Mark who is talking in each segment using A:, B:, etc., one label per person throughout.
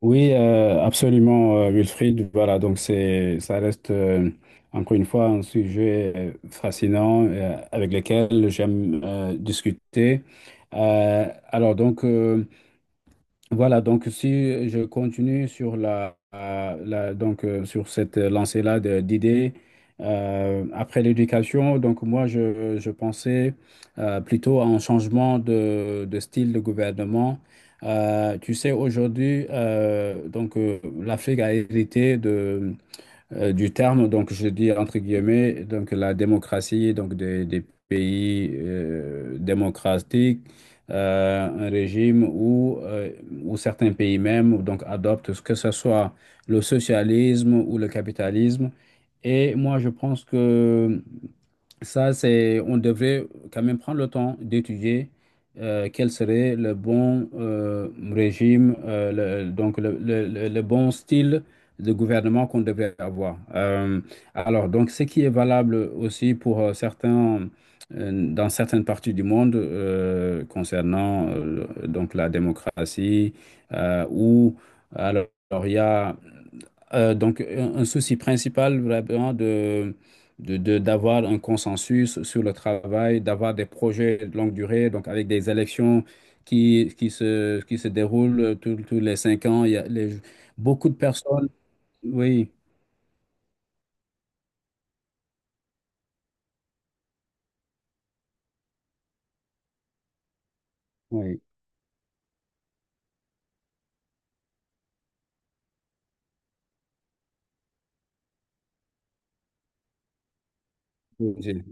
A: Oui, absolument, Wilfried. Voilà, ça reste encore une fois un sujet fascinant avec lequel j'aime discuter. Euh, alors donc. euh, voilà, donc si je continue sur sur cette lancée-là d'idées, après l'éducation, je pensais plutôt à un changement de style de gouvernement. Tu sais, aujourd'hui, l'Afrique a hérité du terme. Donc, je dis entre guillemets, donc la démocratie, donc des pays démocratiques, un régime où certains pays même donc adoptent que ce soit le socialisme ou le capitalisme. Et moi, je pense que on devrait quand même prendre le temps d'étudier quel serait le bon régime, le bon style de gouvernement qu'on devrait avoir. Alors, donc, ce qui est valable aussi pour certains, dans certaines parties du monde concernant donc la démocratie, ou alors il y a un souci principal vraiment d'avoir un consensus sur le travail, d'avoir des projets de longue durée, donc avec des élections qui se déroulent tous tous les 5 ans. Il y a les- Beaucoup de personnes. Oui, oui. Oui, j'ai-.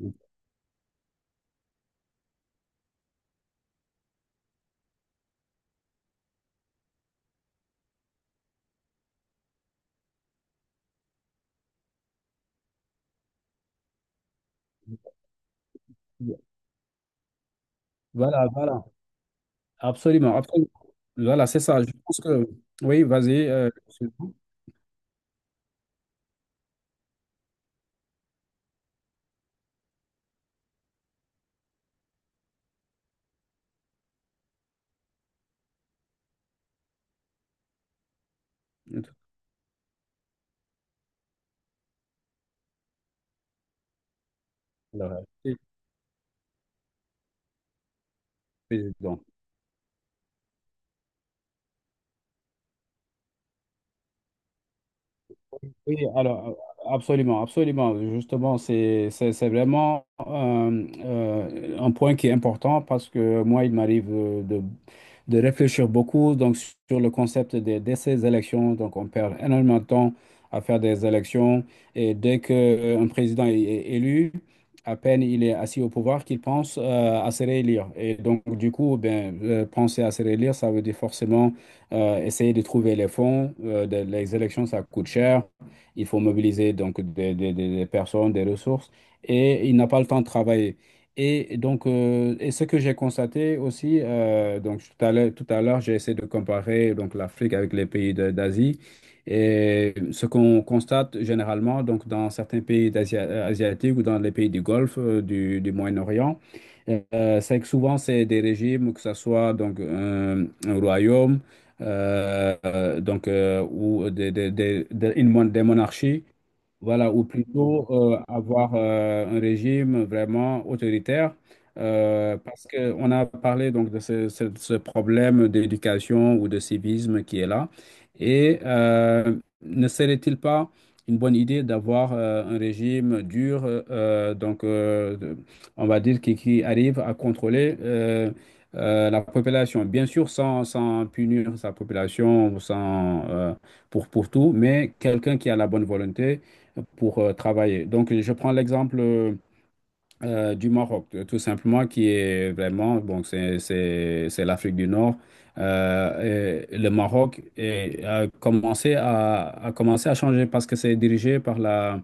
A: Voilà, voilà. Absolument, absolument. Voilà, c'est ça. Je pense que. Oui, vas-y. C'est bon. Alors, c'est bon. Oui, alors absolument, absolument. Justement, c'est vraiment un point qui est important parce que moi, il m'arrive de réfléchir beaucoup donc, sur le concept ces élections. Donc, on perd énormément de temps à faire des élections et dès qu'un président est est élu, à peine il est assis au pouvoir qu'il pense à se réélire. Et donc, du coup, ben, penser à se réélire, ça veut dire forcément essayer de trouver les fonds. Les élections, ça coûte cher. Il faut mobiliser donc des personnes, des ressources, et il n'a pas le temps de travailler. Et donc, et ce que j'ai constaté aussi, donc tout à l'heure, j'ai essayé de comparer donc l'Afrique avec les pays d'Asie. Et ce qu'on constate généralement, donc dans certains pays asiatiques ou dans les pays du Golfe, du Moyen-Orient, c'est que souvent c'est des régimes, que ce soit donc un royaume ou une des monarchies, voilà, ou plutôt avoir un régime vraiment autoritaire, parce qu'on a parlé donc de ce problème d'éducation ou de civisme qui est là. Et ne serait-il pas une bonne idée d'avoir un régime dur, on va dire qui arrive à contrôler la population, bien sûr sans punir sa population, sans, pour tout, mais quelqu'un qui a la bonne volonté pour travailler. Donc, je prends l'exemple du Maroc, tout simplement, qui est vraiment, bon, c'est l'Afrique du Nord. Et le Maroc a commencé à changer parce que c'est dirigé par la,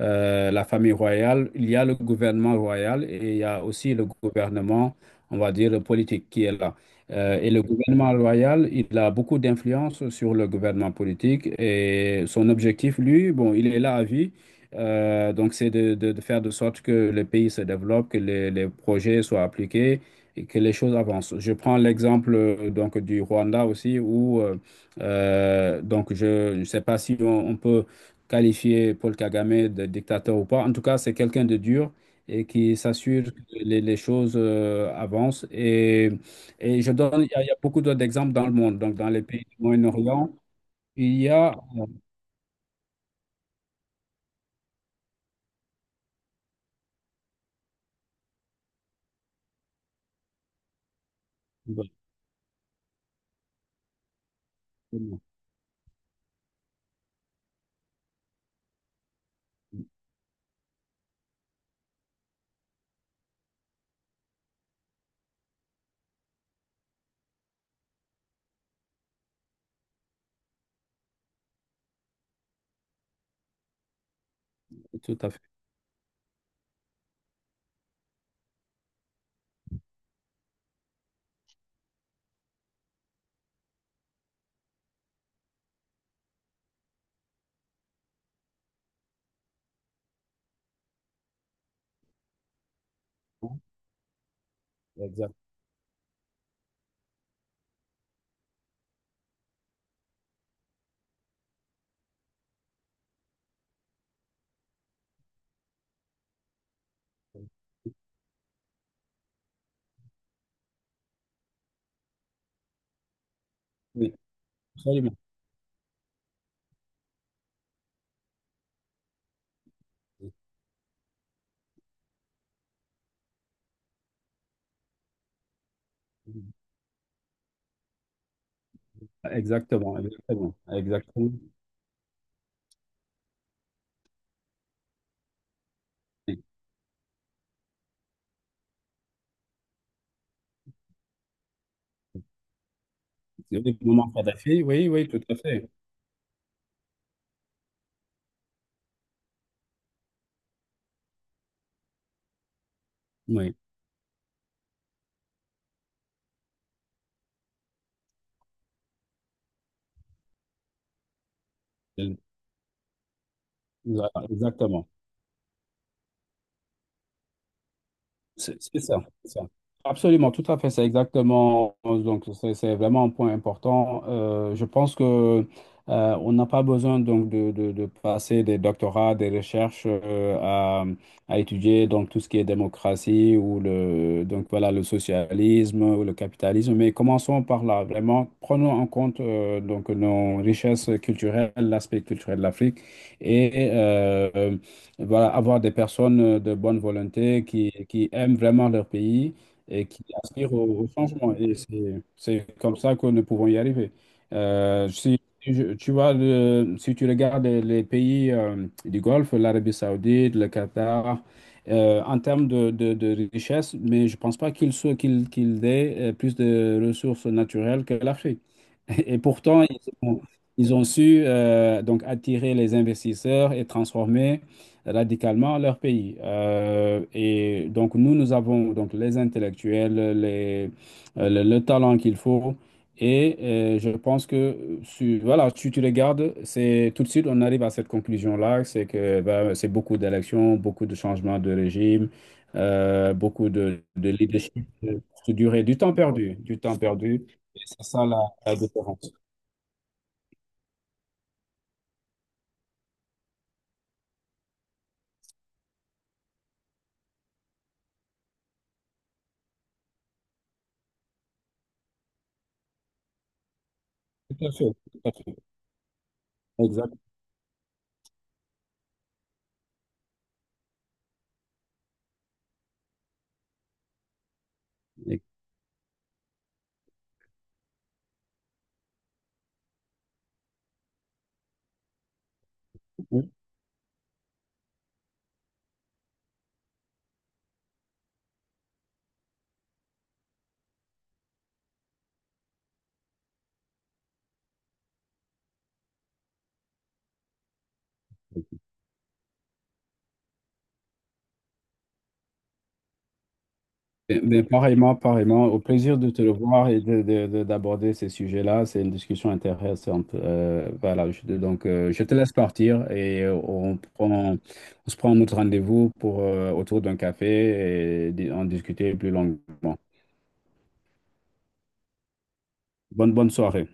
A: euh, la famille royale, il y a le gouvernement royal et il y a aussi le gouvernement, on va dire, politique qui est là. Et le gouvernement royal, il a beaucoup d'influence sur le gouvernement politique et son objectif, lui, bon, il est là à vie. Donc, c'est de faire de sorte que le pays se développe, que les projets soient appliqués et que les choses avancent. Je prends l'exemple donc du Rwanda aussi, où je ne sais pas si on on peut qualifier Paul Kagame de dictateur ou pas. En tout cas, c'est quelqu'un de dur et qui s'assure que les choses avancent. Et je donne, il y a beaucoup d'autres exemples dans le monde. Donc, dans les pays du Moyen-Orient, il y a... euh, oui. Tout à fait. Exact. Oui, absolument. Exactement, exactement, exactement. Oui, Kadhafi, oui, oui, tout à fait. Oui, voilà, exactement. C'est c'est ça, c'est ça. Absolument, tout à fait, c'est exactement. Donc, c'est vraiment un point important. Je pense que on n'a pas besoin donc de passer des doctorats, des recherches à étudier donc tout ce qui est démocratie ou le donc voilà le socialisme ou le capitalisme. Mais commençons par là. Vraiment, prenons en compte donc nos richesses culturelles, l'aspect culturel de l'Afrique et voilà, avoir des personnes de bonne volonté qui aiment vraiment leur pays et qui aspirent au, au changement. C'est comme ça que nous pouvons y arriver. Si, je- Tu vois, si tu regardes les pays du Golfe, l'Arabie Saoudite, le Qatar, en termes de richesse, mais je ne pense pas qu'ils aient plus de ressources naturelles que l'Afrique. Et pourtant, ils ont su donc attirer les investisseurs et transformer radicalement leur pays. Et donc nous, nous avons donc les intellectuels, le talent qu'il faut. Et je pense que si voilà, si tu regardes, c'est tout de suite on arrive à cette conclusion-là, c'est que ben, c'est beaucoup d'élections, beaucoup de changements de régime, beaucoup de leadership, de durée, du temps perdu, du temps perdu. C'est ça la différence. Tout à fait, tout à fait. Exact. Et-. Ben, pareillement, pareillement. Au plaisir de te revoir et d'aborder ces sujets-là. C'est une discussion intéressante. Je te laisse partir et on prend, on se prend notre rendez-vous pour, autour d'un café et en discuter plus longuement. Bonne, bonne soirée.